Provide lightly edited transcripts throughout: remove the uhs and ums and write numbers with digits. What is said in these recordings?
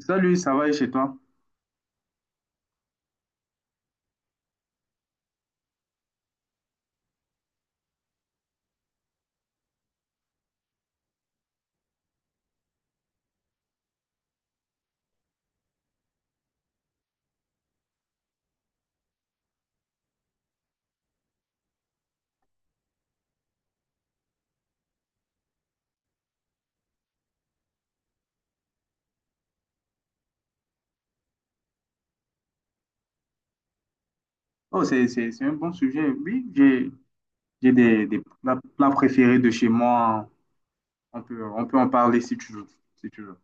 Salut, ça va et chez toi? Oh, c'est un bon sujet. Oui, j'ai des plats préférés de chez moi. On peut en parler si tu veux, si tu veux.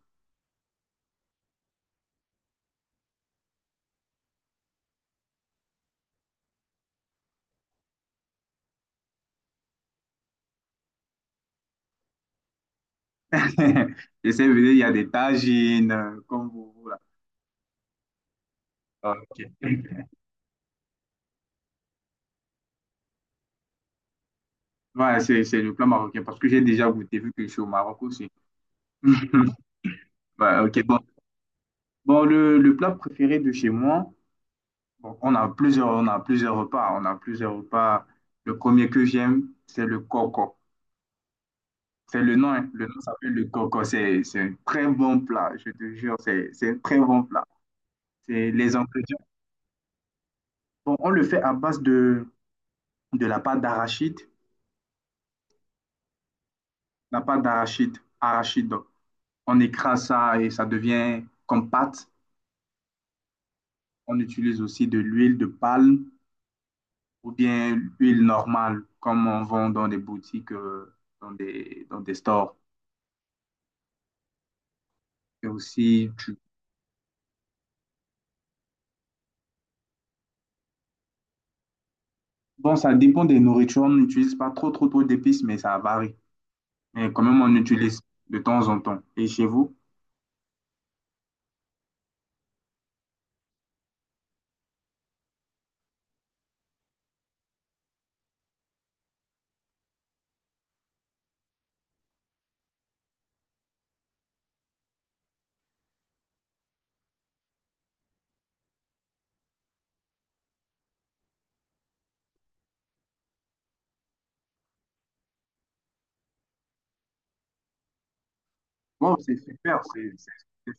Je sais, il y a des tagines, comme vous, voilà. Ah, ok. Ouais, c'est le plat marocain parce que j'ai déjà goûté vu que je suis au Maroc aussi. Ouais, ok, bon. Bon, le plat préféré de chez moi, bon, on a plusieurs repas. On a plusieurs repas. Le premier que j'aime, c'est le coco. C'est le nom, hein. Le nom s'appelle le coco. C'est un très bon plat, je te jure. C'est un très bon plat. C'est les ingrédients. Bon, on le fait à base de la pâte d'arachide. La pâte d'arachide, arachide. Donc. On écrase ça et ça devient comme pâte. On utilise aussi de l'huile de palme ou bien l'huile normale, comme on vend dans des boutiques, dans des stores. Et aussi, tu... Bon, ça dépend des nourritures. On n'utilise pas trop d'épices, mais ça varie. Mais quand même, on utilise de temps en temps. Et chez vous? Wow, c'est super. C'est-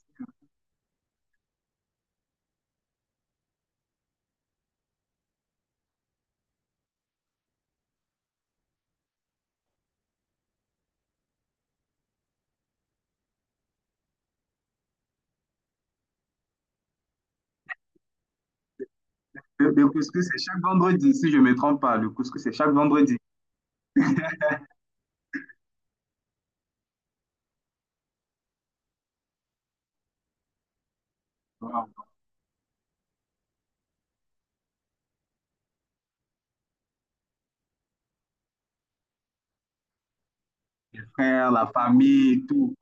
Le couscous, c'est chaque vendredi, si je ne me trompe pas. Le couscous, c'est chaque vendredi. Wow. Les frères, la famille, tout.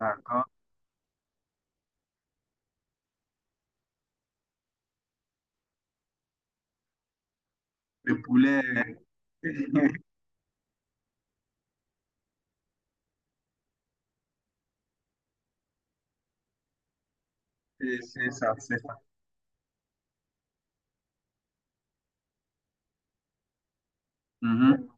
D'accord? Le poulet. C'est ça, c'est ça. Mhm.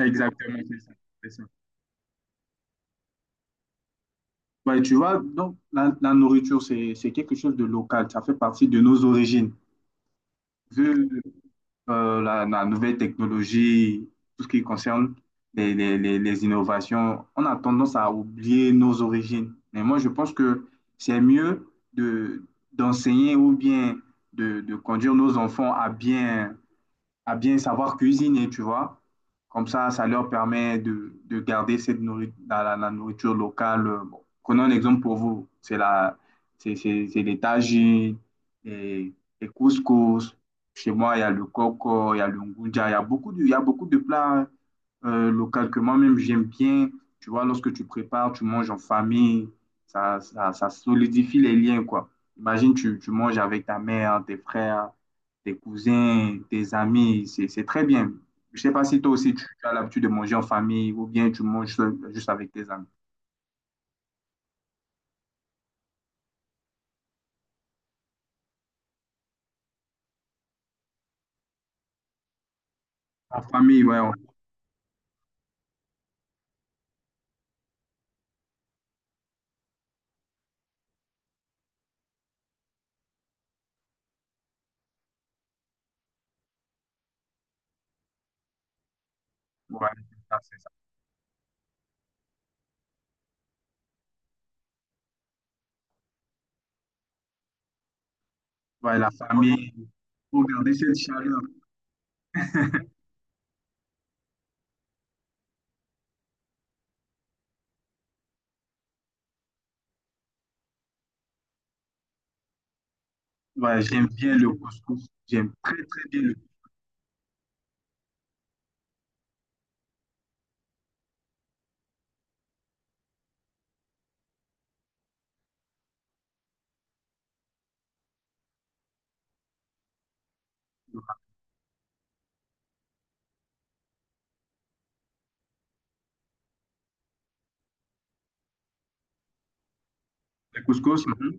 Exactement, c'est ça. C'est ça. Ouais, tu vois, donc la nourriture, c'est quelque chose de local. Ça fait partie de nos origines. Vu, la nouvelle technologie, tout ce qui concerne les innovations, on a tendance à oublier nos origines. Mais moi, je pense que c'est mieux de, d'enseigner ou bien de conduire nos enfants à bien savoir cuisiner, tu vois. Comme ça leur permet de garder cette la nourriture locale. Bon, prenons un exemple pour vous. C'est la, c'est les tagines, les, les couscous. Chez moi, il y a le coco, il y a le ngunja, il y a beaucoup de plats locaux que moi-même j'aime bien. Tu vois, lorsque tu prépares, tu manges en famille, ça solidifie les liens, quoi. Imagine, tu manges avec ta mère, tes frères, tes cousins, tes amis, c'est très bien. Je sais pas si toi aussi tu as l'habitude de manger en famille ou bien tu manges seul, juste avec tes amis. La famille, ouais, ouais, c'est ça, c'est ça. Ouais, la famille, faut garder cette chaleur. Ouais, j'aime bien le couscous. J'aime très, très bien le couscous. Le couscous, mhm.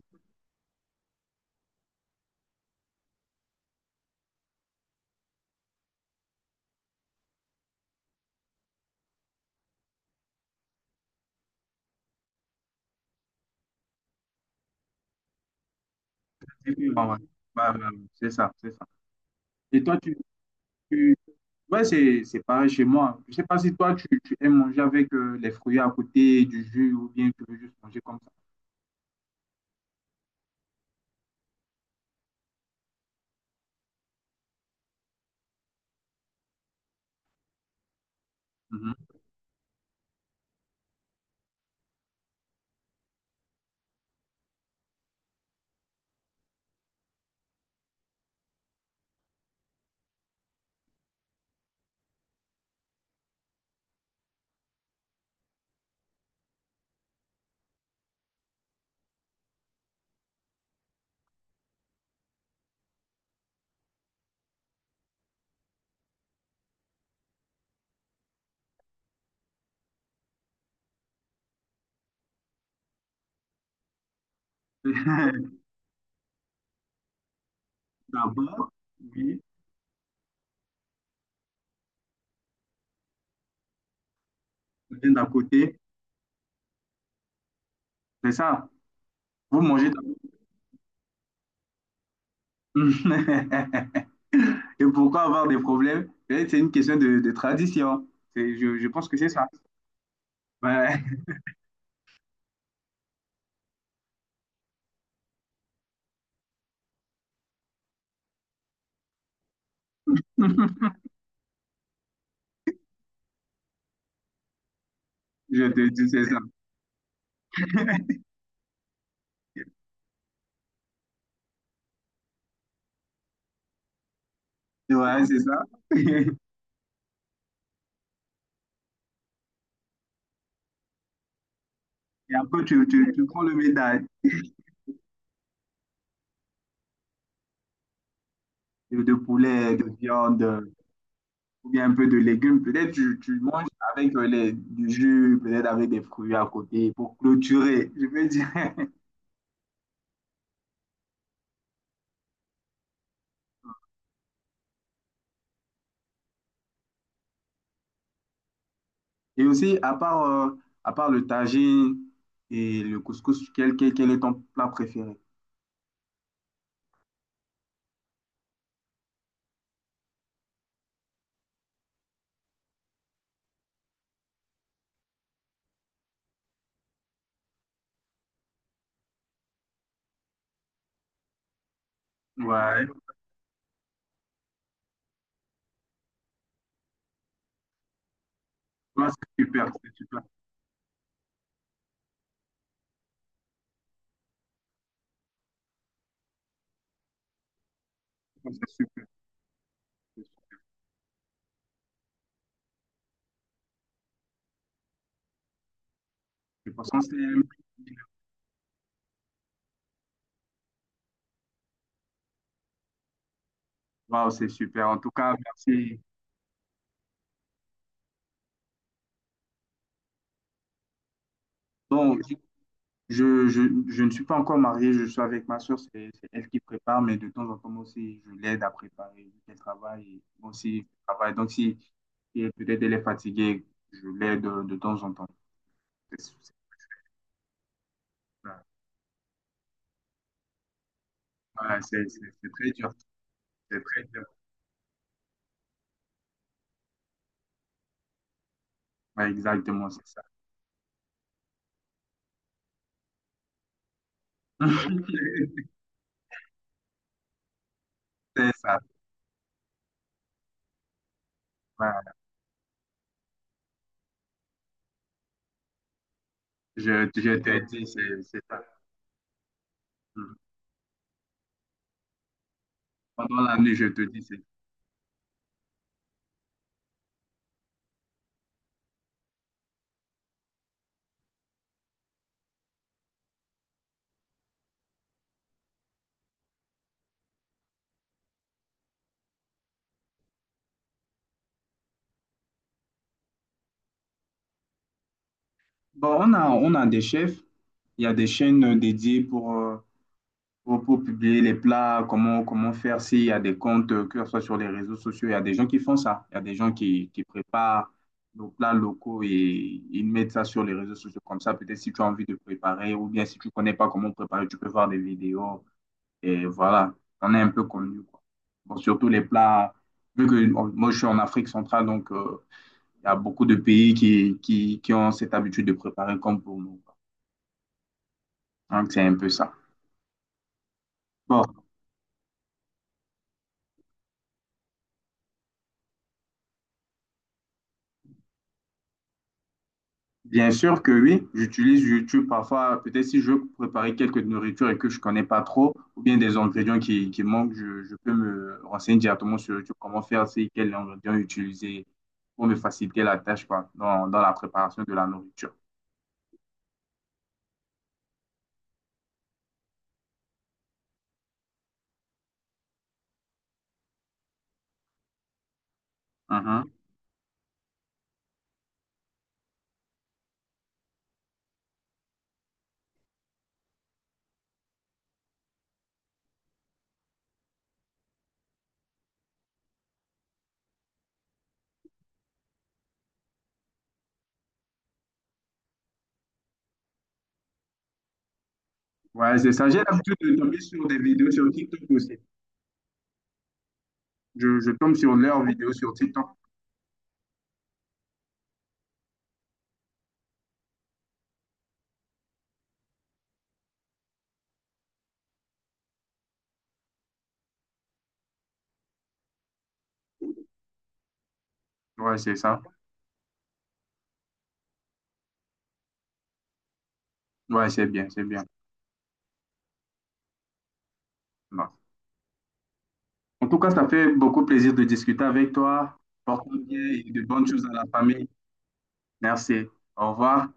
Et puis, ouais, ouais. Ouais, ouais, ouais, c'est ça, c'est ça. Et toi, tu- ouais, c'est pareil chez moi. Je sais pas si toi, tu aimes manger avec les fruits à côté, du jus, ou bien tu veux juste manger comme ça. Mhm. D'abord, oui, vient d'à côté, c'est ça. Vous mangez d'abord. Et pourquoi avoir des problèmes? Eh, c'est une question de tradition. Je pense que c'est ça. Ouais. Je te dis, c'est ça. Ouais, c'est ça. Et après, tu prends le médaille de poulet, de viande, ou bien un peu de légumes. Peut-être tu manges avec les, du jus, peut-être avec des fruits à côté pour clôturer. Je veux dire. Et aussi, à part le tagine et le couscous, quel est ton plat préféré? Ouais, ouais, c'est super, c'est super. C'est super. Je pense qu'on s'aime. Waouh, c'est super. En tout cas, merci. Bon, je, je, je ne suis pas encore marié, je suis avec ma soeur, c'est elle qui prépare, mais de temps en temps moi aussi, je l'aide à préparer, vu qu'elle travaille, et moi aussi, je travaille. Donc, si si elle peut-être elle est fatiguée, je l'aide de temps en temps. C'est c'est- ouais, c'est très dur, c'est très dur. Ouais, exactement, c'est ça. C'est ça. Ouais. Je te dis, c'est ça. Mm. Pendant la nuit, je te dis, c'est bon, on a des chefs. Il y a des chaînes dédiées pour, pour publier les plats, comment faire s'il y a des comptes, que ce soit sur les réseaux sociaux. Il y a des gens qui font ça. Il y a des gens qui préparent nos plats locaux et ils mettent ça sur les réseaux sociaux. Comme ça, peut-être si tu as envie de préparer ou bien si tu connais pas comment préparer, tu peux voir des vidéos. Et voilà, on est un peu connu, quoi. Bon, surtout les plats, vu que moi je suis en Afrique centrale, donc il y a beaucoup de pays qui ont cette habitude de préparer comme pour nous. Quoi. Donc c'est un peu ça. Bon, bien sûr que oui, j'utilise YouTube parfois, peut-être si je veux préparer quelques nourritures et que je connais pas trop, ou bien des ingrédients qui manquent, je peux me renseigner directement sur YouTube comment faire, c'est quels ingrédients utiliser pour me faciliter la tâche, quoi, dans la préparation de la nourriture. Mhm. Ouais, c'est ça. J'ai l'habitude de tomber sur des vidéos sur TikTok aussi. Je tombe sur leurs vidéos sur TikTok. Ouais, c'est ça. Ouais, c'est bien, c'est bien. Bon. En tout cas, ça fait beaucoup plaisir de discuter avec toi. Porte-toi bien et de bonnes choses à la famille. Merci. Au revoir.